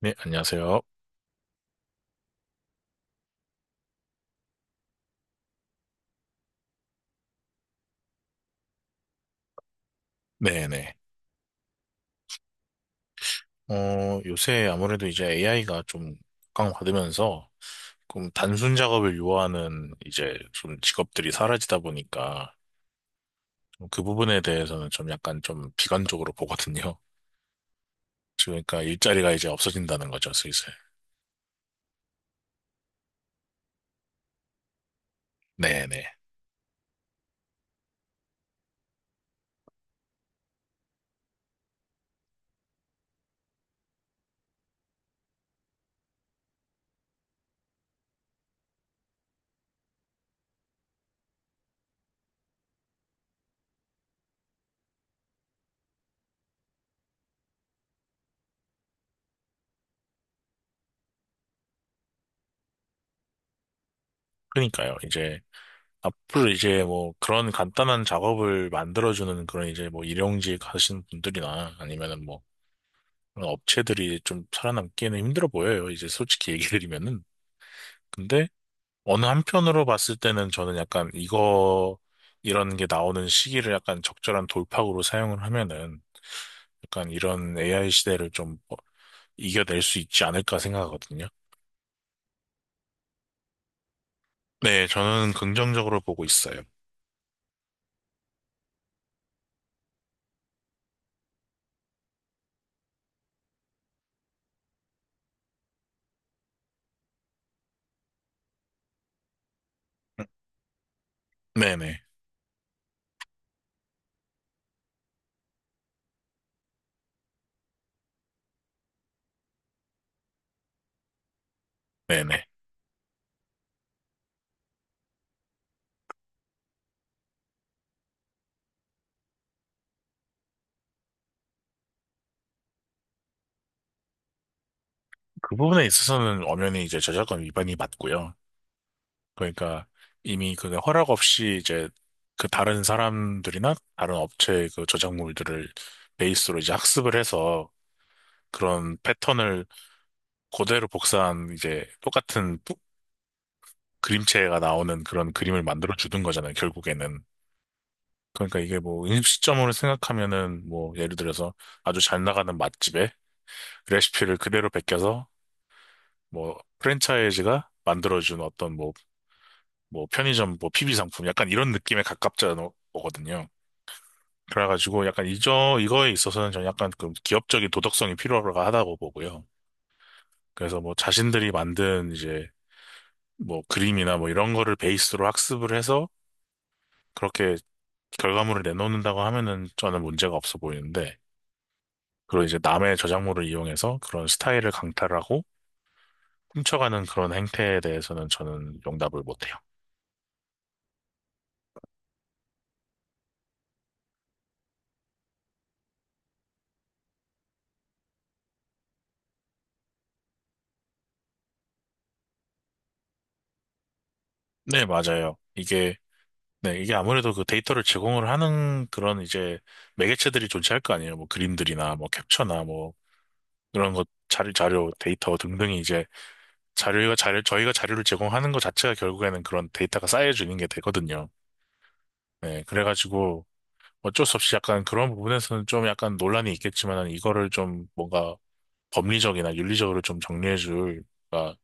네, 안녕하세요. 네네. 요새 아무래도 이제 AI가 좀 각광받으면서 좀 단순 작업을 요하는 이제 좀 직업들이 사라지다 보니까 좀그 부분에 대해서는 좀 약간 좀 비관적으로 보거든요. 그러니까 일자리가 이제 없어진다는 거죠, 슬슬. 네네. 그러니까요. 이제 앞으로 이제 뭐 그런 간단한 작업을 만들어주는 그런 이제 뭐 일용직 하시는 분들이나 아니면은 뭐 그런 업체들이 좀 살아남기에는 힘들어 보여요. 이제 솔직히 얘기 드리면은. 근데 어느 한편으로 봤을 때는 저는 약간 이거, 이런 게 나오는 시기를 약간 적절한 돌파구로 사용을 하면은 약간 이런 AI 시대를 좀 이겨낼 수 있지 않을까 생각하거든요. 네, 저는 긍정적으로 보고 있어요. 네네, 네네. 그 부분에 있어서는 엄연히 이제 저작권 위반이 맞고요. 그러니까 이미 그 허락 없이 이제 그 다른 사람들이나 다른 업체의 그 저작물들을 베이스로 이제 학습을 해서 그런 패턴을 그대로 복사한 이제 똑같은 그림체가 나오는 그런 그림을 만들어 주는 거잖아요, 결국에는. 그러니까 이게 뭐 음식점으로 생각하면은 뭐 예를 들어서 아주 잘 나가는 맛집에 레시피를 그대로 베껴서 뭐 프랜차이즈가 만들어준 어떤 뭐, 뭐 편의점 뭐 PB 상품 약간 이런 느낌에 가깝잖아요. 그래가지고 약간 이저 이거에 있어서는 저는 약간 그 기업적인 도덕성이 필요하다고 보고요. 그래서 뭐 자신들이 만든 이제 뭐 그림이나 뭐 이런 거를 베이스로 학습을 해서 그렇게 결과물을 내놓는다고 하면은 저는 문제가 없어 보이는데, 그리고 이제 남의 저작물을 이용해서 그런 스타일을 강탈하고 훔쳐가는 그런 행태에 대해서는 저는 용납을 못해요. 네, 맞아요. 이게 네, 이게 아무래도 그 데이터를 제공을 하는 그런 이제 매개체들이 존재할 거 아니에요. 뭐 그림들이나 뭐 캡처나 뭐 그런 것 자료, 데이터 등등이 이제 저희가 자료를 제공하는 것 자체가 결국에는 그런 데이터가 쌓여지는 게 되거든요. 네, 그래가지고 어쩔 수 없이 약간 그런 부분에서는 좀 약간 논란이 있겠지만 이거를 좀 뭔가 법리적이나 윤리적으로 좀 정리해줄 그러니까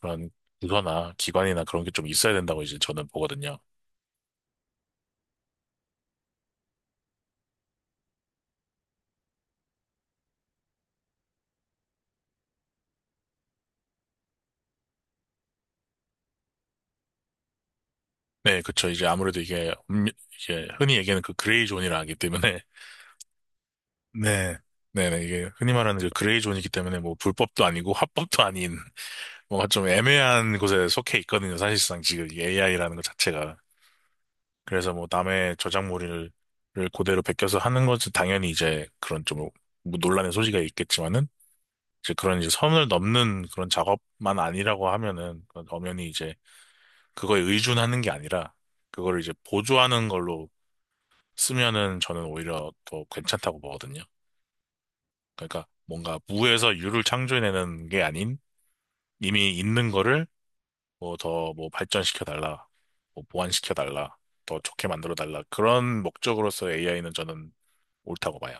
그런 부서나 기관이나 그런 게 좀 있어야 된다고 이제 저는 보거든요. 네, 그쵸. 이제 아무래도 이게, 이게 흔히 얘기하는 그 그레이 존이라 하기 때문에, 네, 네네. 이게 흔히 말하는 그 그레이 존이기 때문에 뭐 불법도 아니고 합법도 아닌 뭔가 좀 애매한 곳에 속해 있거든요. 사실상 지금 이 AI라는 것 자체가. 그래서 뭐 남의 저작물을 그대로 베껴서 하는 것은 당연히 이제 그런 좀뭐 논란의 소지가 있겠지만은 이제 그런 이제 선을 넘는 그런 작업만 아니라고 하면은 그건 엄연히 이제 그거에 의존하는 게 아니라 그거를 이제 보조하는 걸로 쓰면은 저는 오히려 더 괜찮다고 보거든요. 그러니까 뭔가 무에서 유를 창조해내는 게 아닌 이미 있는 거를 뭐 더 뭐 발전시켜 달라, 뭐 보완시켜 달라, 더 좋게 만들어 달라 그런 목적으로서 AI는 저는 옳다고 봐요.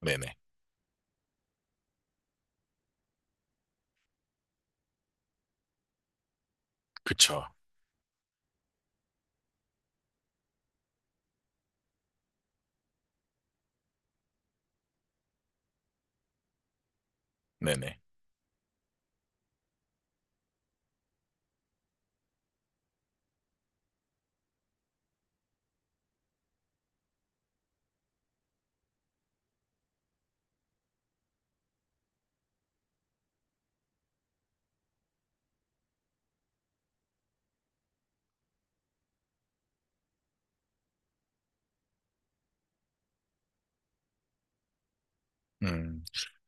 네네. 그쵸. 네네. 음.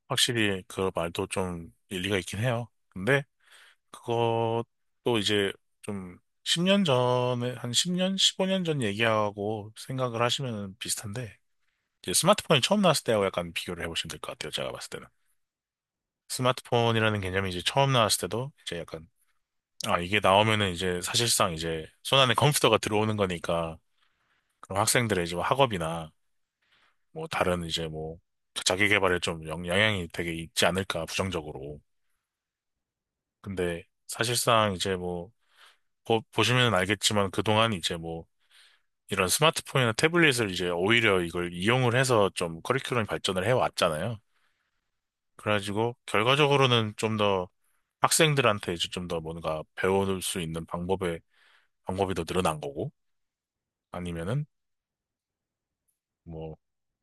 확실히 그 말도 좀 일리가 있긴 해요. 근데 그것도 이제 좀 10년 전에, 한 10년, 15년 전 얘기하고 생각을 하시면 비슷한데, 이제 스마트폰이 처음 나왔을 때하고 약간 비교를 해보시면 될 것 같아요. 제가 봤을 때는. 스마트폰이라는 개념이 이제 처음 나왔을 때도 이제 약간, 아, 이게 나오면은 이제 사실상 이제 손안에 컴퓨터가 들어오는 거니까, 그럼 학생들의 이제 뭐 학업이나 뭐 다른 이제 뭐 자기 개발에 좀 영향이 되게 있지 않을까, 부정적으로. 근데 사실상 이제 뭐 보시면 알겠지만 그동안 이제 뭐 이런 스마트폰이나 태블릿을 이제 오히려 이걸 이용을 해서 좀 커리큘럼이 발전을 해왔잖아요. 그래가지고 결과적으로는 좀 더 학생들한테 이제 좀 더 뭔가 배울 수 있는 방법의 방법이 더 늘어난 거고 아니면은 뭐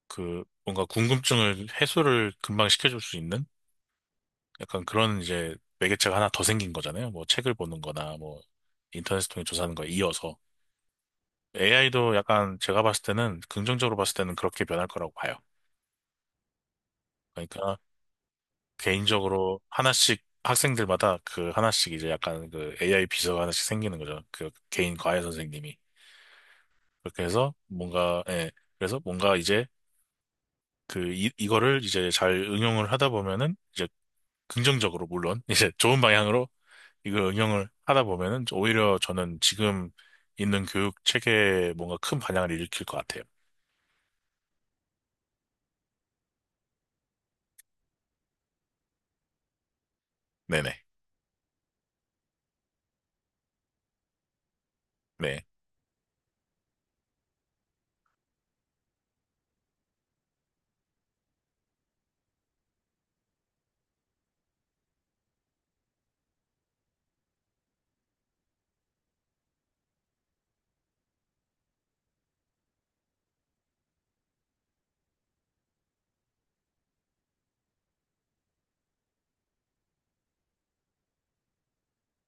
그 뭔가 궁금증을 해소를 금방 시켜줄 수 있는 약간 그런 이제 매개체가 하나 더 생긴 거잖아요. 뭐 책을 보는 거나 뭐 인터넷을 통해 조사하는 거에 이어서. AI도 약간 제가 봤을 때는 긍정적으로 봤을 때는 그렇게 변할 거라고 봐요. 그러니까 개인적으로 하나씩 학생들마다 그 하나씩 이제 약간 그 AI 비서가 하나씩 생기는 거죠. 그 개인 과외 선생님이. 그렇게 해서 뭔가 예. 그래서 뭔가 이제 그 이거를 이제 잘 응용을 하다 보면은 이제 긍정적으로 물론 이제 좋은 방향으로 이걸 응용을 하다 보면은 오히려 저는 지금 있는 교육 체계에 뭔가 큰 반향을 일으킬 것 같아요. 네네. 네.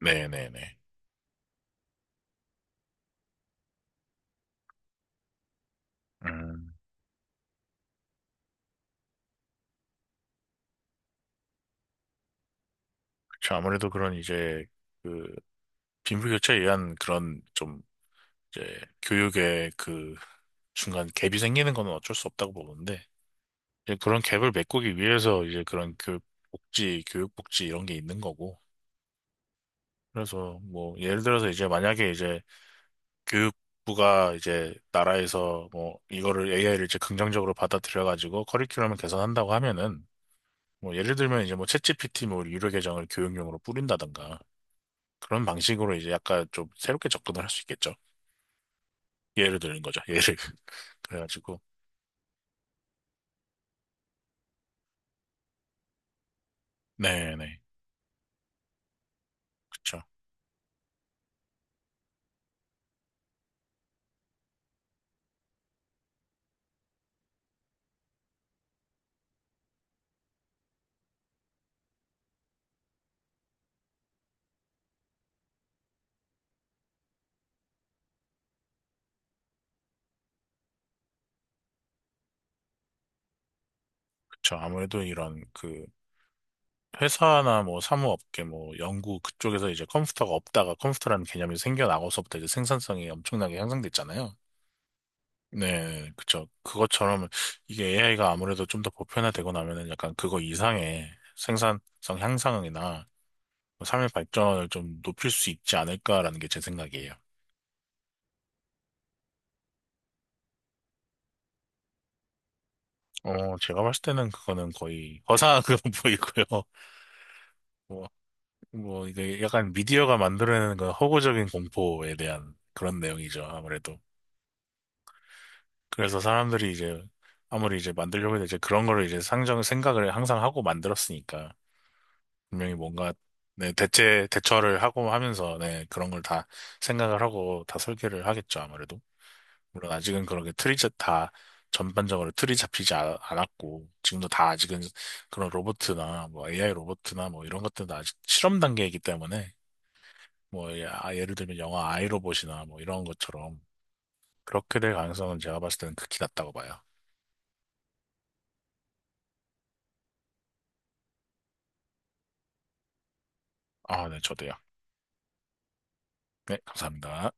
네네네. 그쵸, 아무래도 그런 이제 그 빈부격차에 의한 그런 좀 이제 교육의 그 중간 갭이 생기는 건 어쩔 수 없다고 보는데 이제 그런 갭을 메꾸기 위해서 이제 그런 교육 복지 이런 게 있는 거고 그래서 뭐 예를 들어서 이제 만약에 이제 교육부가 이제 나라에서 뭐 이거를 AI를 이제 긍정적으로 받아들여 가지고 커리큘럼을 개선한다고 하면은 뭐 예를 들면 이제 뭐 챗GPT 뭐 유료 계정을 교육용으로 뿌린다던가 그런 방식으로 이제 약간 좀 새롭게 접근을 할 수 있겠죠. 예를 드는 거죠. 예를. 그래가지고. 네네. 그쵸. 그쵸. 아무래도 이런 그 회사나 뭐 사무업계 뭐 연구 그쪽에서 이제 컴퓨터가 없다가 컴퓨터라는 개념이 생겨나고서부터 이제 생산성이 엄청나게 향상됐잖아요. 네, 그쵸. 그것처럼 이게 AI가 아무래도 좀 더 보편화되고 나면은 약간 그거 이상의 생산성 향상이나 뭐 삶의 발전을 좀 높일 수 있지 않을까라는 게 제 생각이에요. 제가 봤을 때는 그거는 거의 허상 그런 보이고요. 뭐, 뭐, 이게 약간 미디어가 만들어내는 그 허구적인 공포에 대한 그런 내용이죠, 아무래도. 그래서 사람들이 이제, 아무리 이제 만들려고 해도 이제 그런 거를 이제 생각을 항상 하고 만들었으니까. 분명히 뭔가, 네, 대처를 하고 하면서, 네, 그런 걸 다 생각을 하고 다 설계를 하겠죠, 아무래도. 물론 아직은 그렇게 틀이 다 전반적으로 틀이 잡히지 않았고 지금도 다 아직은 그런 로봇이나 뭐 AI 로봇이나 뭐 이런 것들도 아직 실험 단계이기 때문에 뭐 아, 예를 들면 영화 아이로봇이나 뭐 이런 것처럼 그렇게 될 가능성은 제가 봤을 때는 극히 낮다고 봐요. 아, 네, 저도요. 네, 감사합니다.